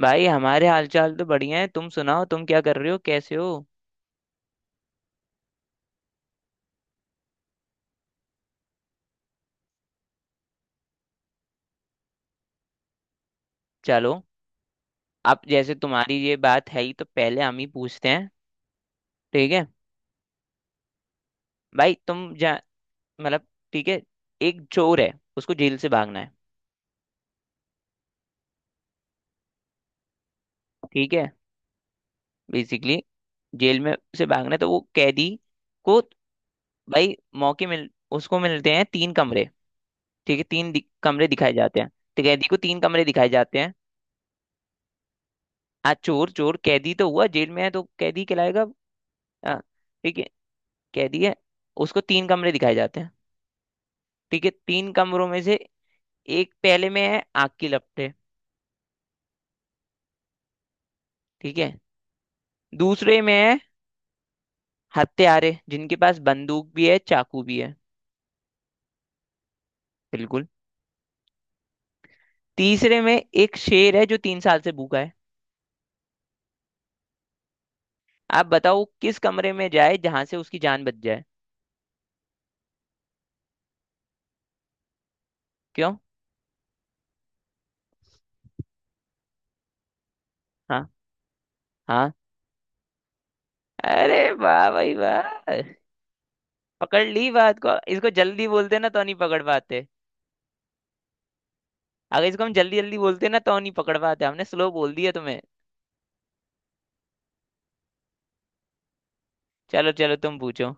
भाई हमारे हालचाल तो बढ़िया है। तुम सुनाओ, तुम क्या कर रहे हो, कैसे हो? चलो, अब जैसे तुम्हारी ये बात है ही तो पहले हम ही पूछते हैं। ठीक है। भाई तुम जा मतलब ठीक है, एक चोर है, उसको जेल से भागना है। ठीक है, बेसिकली जेल में से भागना है तो वो कैदी को भाई मौके मिल, उसको मिलते हैं 3 कमरे। ठीक है, कमरे दिखाए जाते हैं, तो कैदी को तीन कमरे दिखाए जाते हैं। आज चोर चोर कैदी तो हुआ, जेल में है तो कैदी कहलाएगा। हाँ, ठीक है, कह दिए, उसको तीन कमरे दिखाए जाते हैं। ठीक है, तीन कमरों में से एक पहले में है आग की लपटें। ठीक है, दूसरे में है हत्यारे जिनके पास बंदूक भी है, चाकू भी है। बिल्कुल, तीसरे में एक शेर है जो 3 साल से भूखा है। आप बताओ वो किस कमरे में जाए जहां से उसकी जान बच जाए? क्यों? हाँ हाँ, अरे वाह भाई वाह, पकड़ ली बात को। इसको जल्दी बोलते ना तो नहीं पकड़ पाते। अगर इसको हम जल्दी जल्दी बोलते ना तो नहीं पकड़ पाते, हमने स्लो बोल दिया तुम्हें। चलो चलो तुम पूछो।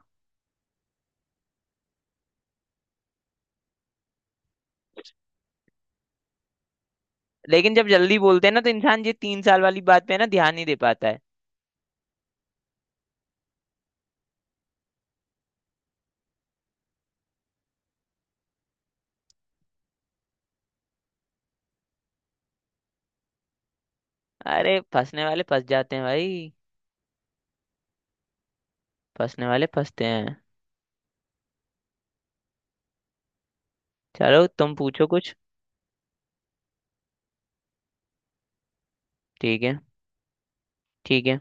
लेकिन जब जल्दी बोलते हैं ना तो इंसान ये 3 साल वाली बात पे ना ध्यान नहीं दे पाता है। अरे फंसने वाले फंस जाते हैं भाई, फंसने वाले फंसते हैं। चलो तुम पूछो कुछ। ठीक है। ठीक है।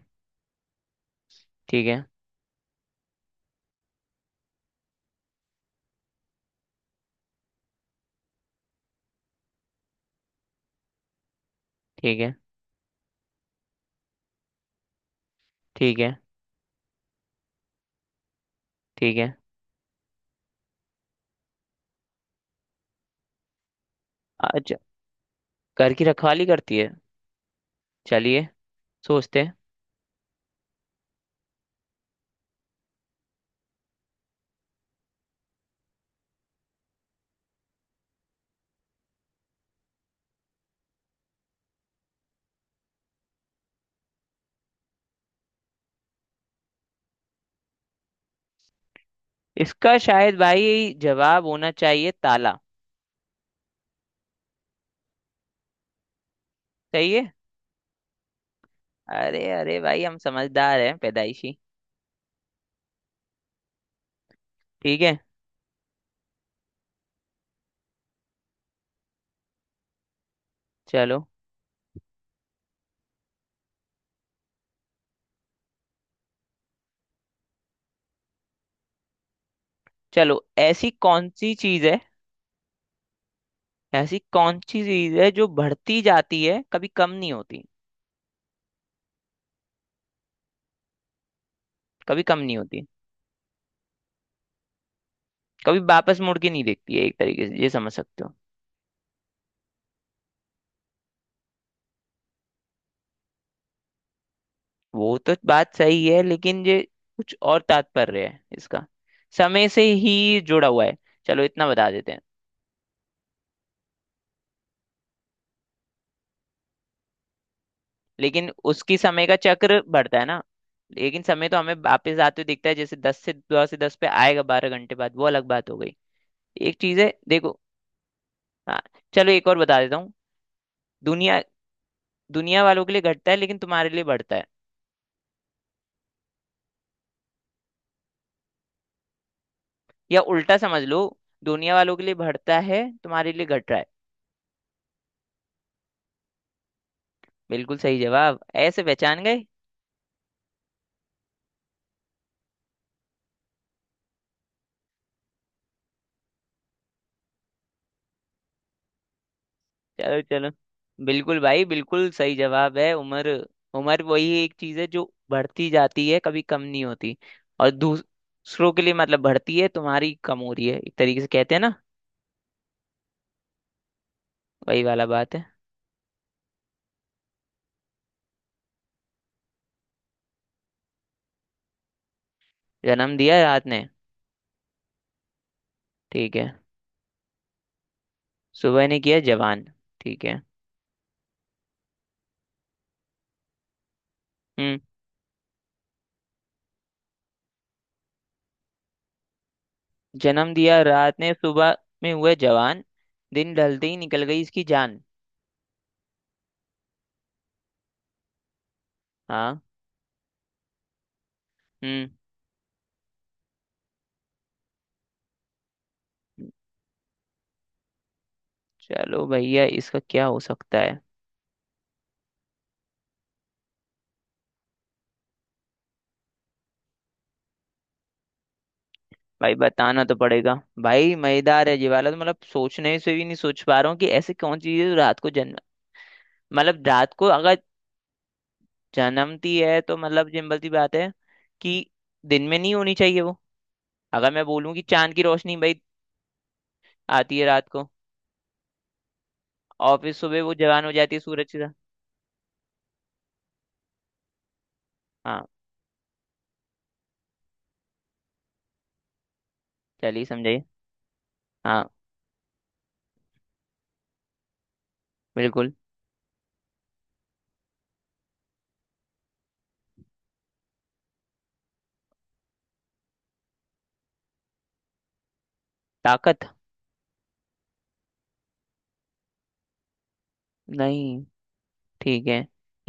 ठीक है। ठीक है। ठीक है। ठीक है। अच्छा, घर की रखवाली करती है, चलिए सोचते हैं। इसका शायद भाई जवाब होना चाहिए ताला। सही है। अरे अरे भाई, हम समझदार हैं पैदाइशी। ठीक है, चलो। चलो, ऐसी कौन सी चीज है, ऐसी कौन सी चीज है जो बढ़ती जाती है, कभी कम नहीं होती? कभी कम नहीं होती, कभी वापस मुड़ के नहीं देखती है, एक तरीके से ये समझ सकते हो। वो तो बात सही है लेकिन ये कुछ और तात्पर्य है इसका। समय से ही जुड़ा हुआ है, चलो इतना बता देते हैं। लेकिन उसकी समय का चक्र बढ़ता है ना। लेकिन समय तो हमें वापस आते हुए दिखता है, जैसे दस से दो से दस पे आएगा, 12 घंटे बाद, वो अलग बात हो गई। एक चीज है देखो। हाँ, चलो एक और बता देता हूँ। दुनिया दुनिया वालों के लिए घटता है लेकिन तुम्हारे लिए बढ़ता है, या उल्टा समझ लो, दुनिया वालों के लिए बढ़ता है तुम्हारे लिए घट रहा है। बिल्कुल सही जवाब, ऐसे पहचान गए। चलो चलो, बिल्कुल भाई, बिल्कुल सही जवाब है उम्र। उम्र वही एक चीज है जो बढ़ती जाती है, कभी कम नहीं होती। और दूसरों के लिए मतलब बढ़ती है, तुम्हारी कम हो रही है, एक तरीके से कहते हैं ना, वही वाला बात है। जन्म दिया रात ने, ठीक है, सुबह ने किया जवान, ठीक है। हम्म, जन्म दिया रात ने, सुबह में हुए जवान, दिन ढलते ही निकल गई इसकी जान। हाँ। हम्म। चलो भैया, इसका क्या हो सकता है? भाई बताना तो पड़ेगा। भाई मजेदार है ये वाला तो, मतलब सोचने से भी नहीं सोच पा रहा हूँ कि ऐसे कौन सी चीज रात को जन्म, मतलब रात को अगर जन्मती है तो मतलब सिंपल सी बात है कि दिन में नहीं होनी चाहिए वो। अगर मैं बोलूँ कि चांद की रोशनी भाई, आती है रात को और फिर सुबह वो जवान हो जाती है सूरज के साथ। हाँ, चलिए समझाइए। हाँ। बिल्कुल। ताकत। नहीं। ठीक है।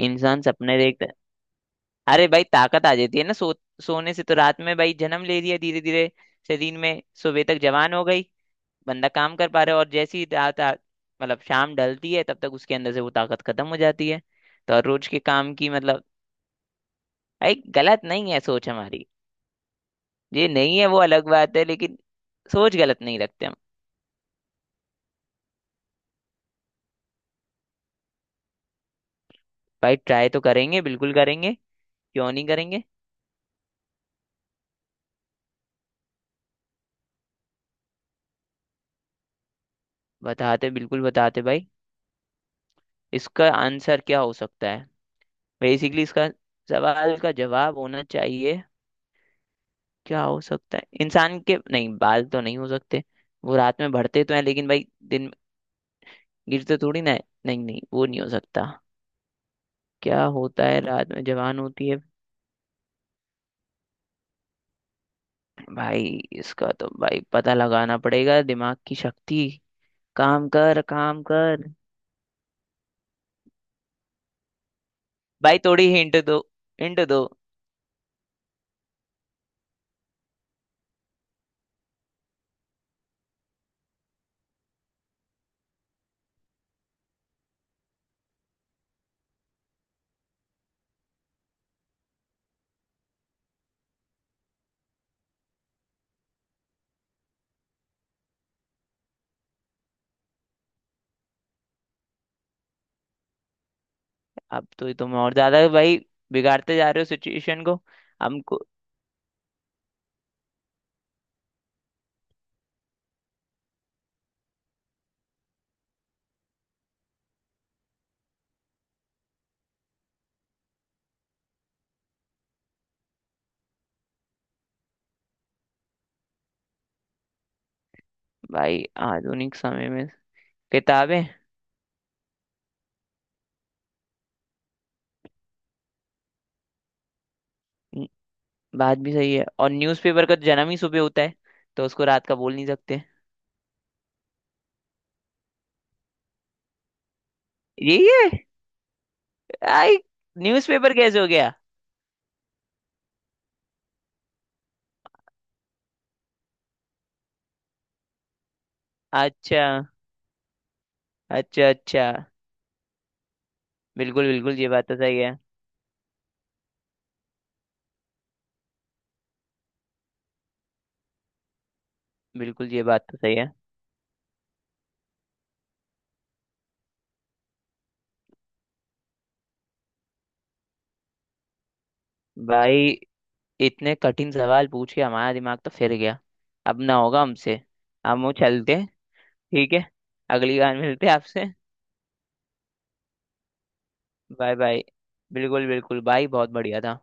इंसान सपने देखता, अरे भाई ताकत आ जाती है ना, सो सोने से तो रात में भाई जन्म ले लिया, धीरे धीरे शरीर में सुबह तक जवान हो गई, बंदा काम कर पा रहा है, और जैसी ही मतलब शाम ढलती है तब तक उसके अंदर से वो ताकत खत्म हो जाती है, तो हर रोज के काम की मतलब। भाई गलत नहीं है सोच हमारी। ये नहीं है वो अलग बात है, लेकिन सोच गलत नहीं रखते हम। भाई ट्राई तो करेंगे, बिल्कुल करेंगे, क्यों नहीं करेंगे? बताते, बिल्कुल बताते भाई। इसका आंसर क्या हो सकता है? बेसिकली इसका सवाल का जवाब होना चाहिए क्या हो सकता है? इंसान के नहीं, बाल तो नहीं हो सकते, वो रात में बढ़ते तो हैं लेकिन भाई दिन में गिरते थोड़ी ना है, नहीं नहीं वो नहीं हो सकता। क्या होता है रात में जवान होती है? भाई इसका तो भाई पता लगाना पड़ेगा, दिमाग की शक्ति काम कर काम कर। भाई थोड़ी हिंट दो, हिंट दो। अब तो तुम और ज्यादा भाई बिगाड़ते जा रहे हो सिचुएशन को। हमको भाई आधुनिक समय में किताबें। बात भी सही है, और न्यूज़पेपर का तो जन्म ही सुबह होता है, तो उसको रात का बोल नहीं सकते। यही है? आई, न्यूज़पेपर कैसे हो गया? अच्छा, अच्छा अच्छा। बिल्कुल बिल्कुल, ये बात तो सही है। बिल्कुल, ये बात तो सही है। भाई इतने कठिन सवाल पूछ के हमारा दिमाग तो फिर गया, अब ना होगा हमसे। हम वो चलते हैं, ठीक है, अगली बार मिलते हैं आपसे। Bye bye. बिल्कुल बिल्कुल भाई, बहुत बढ़िया था।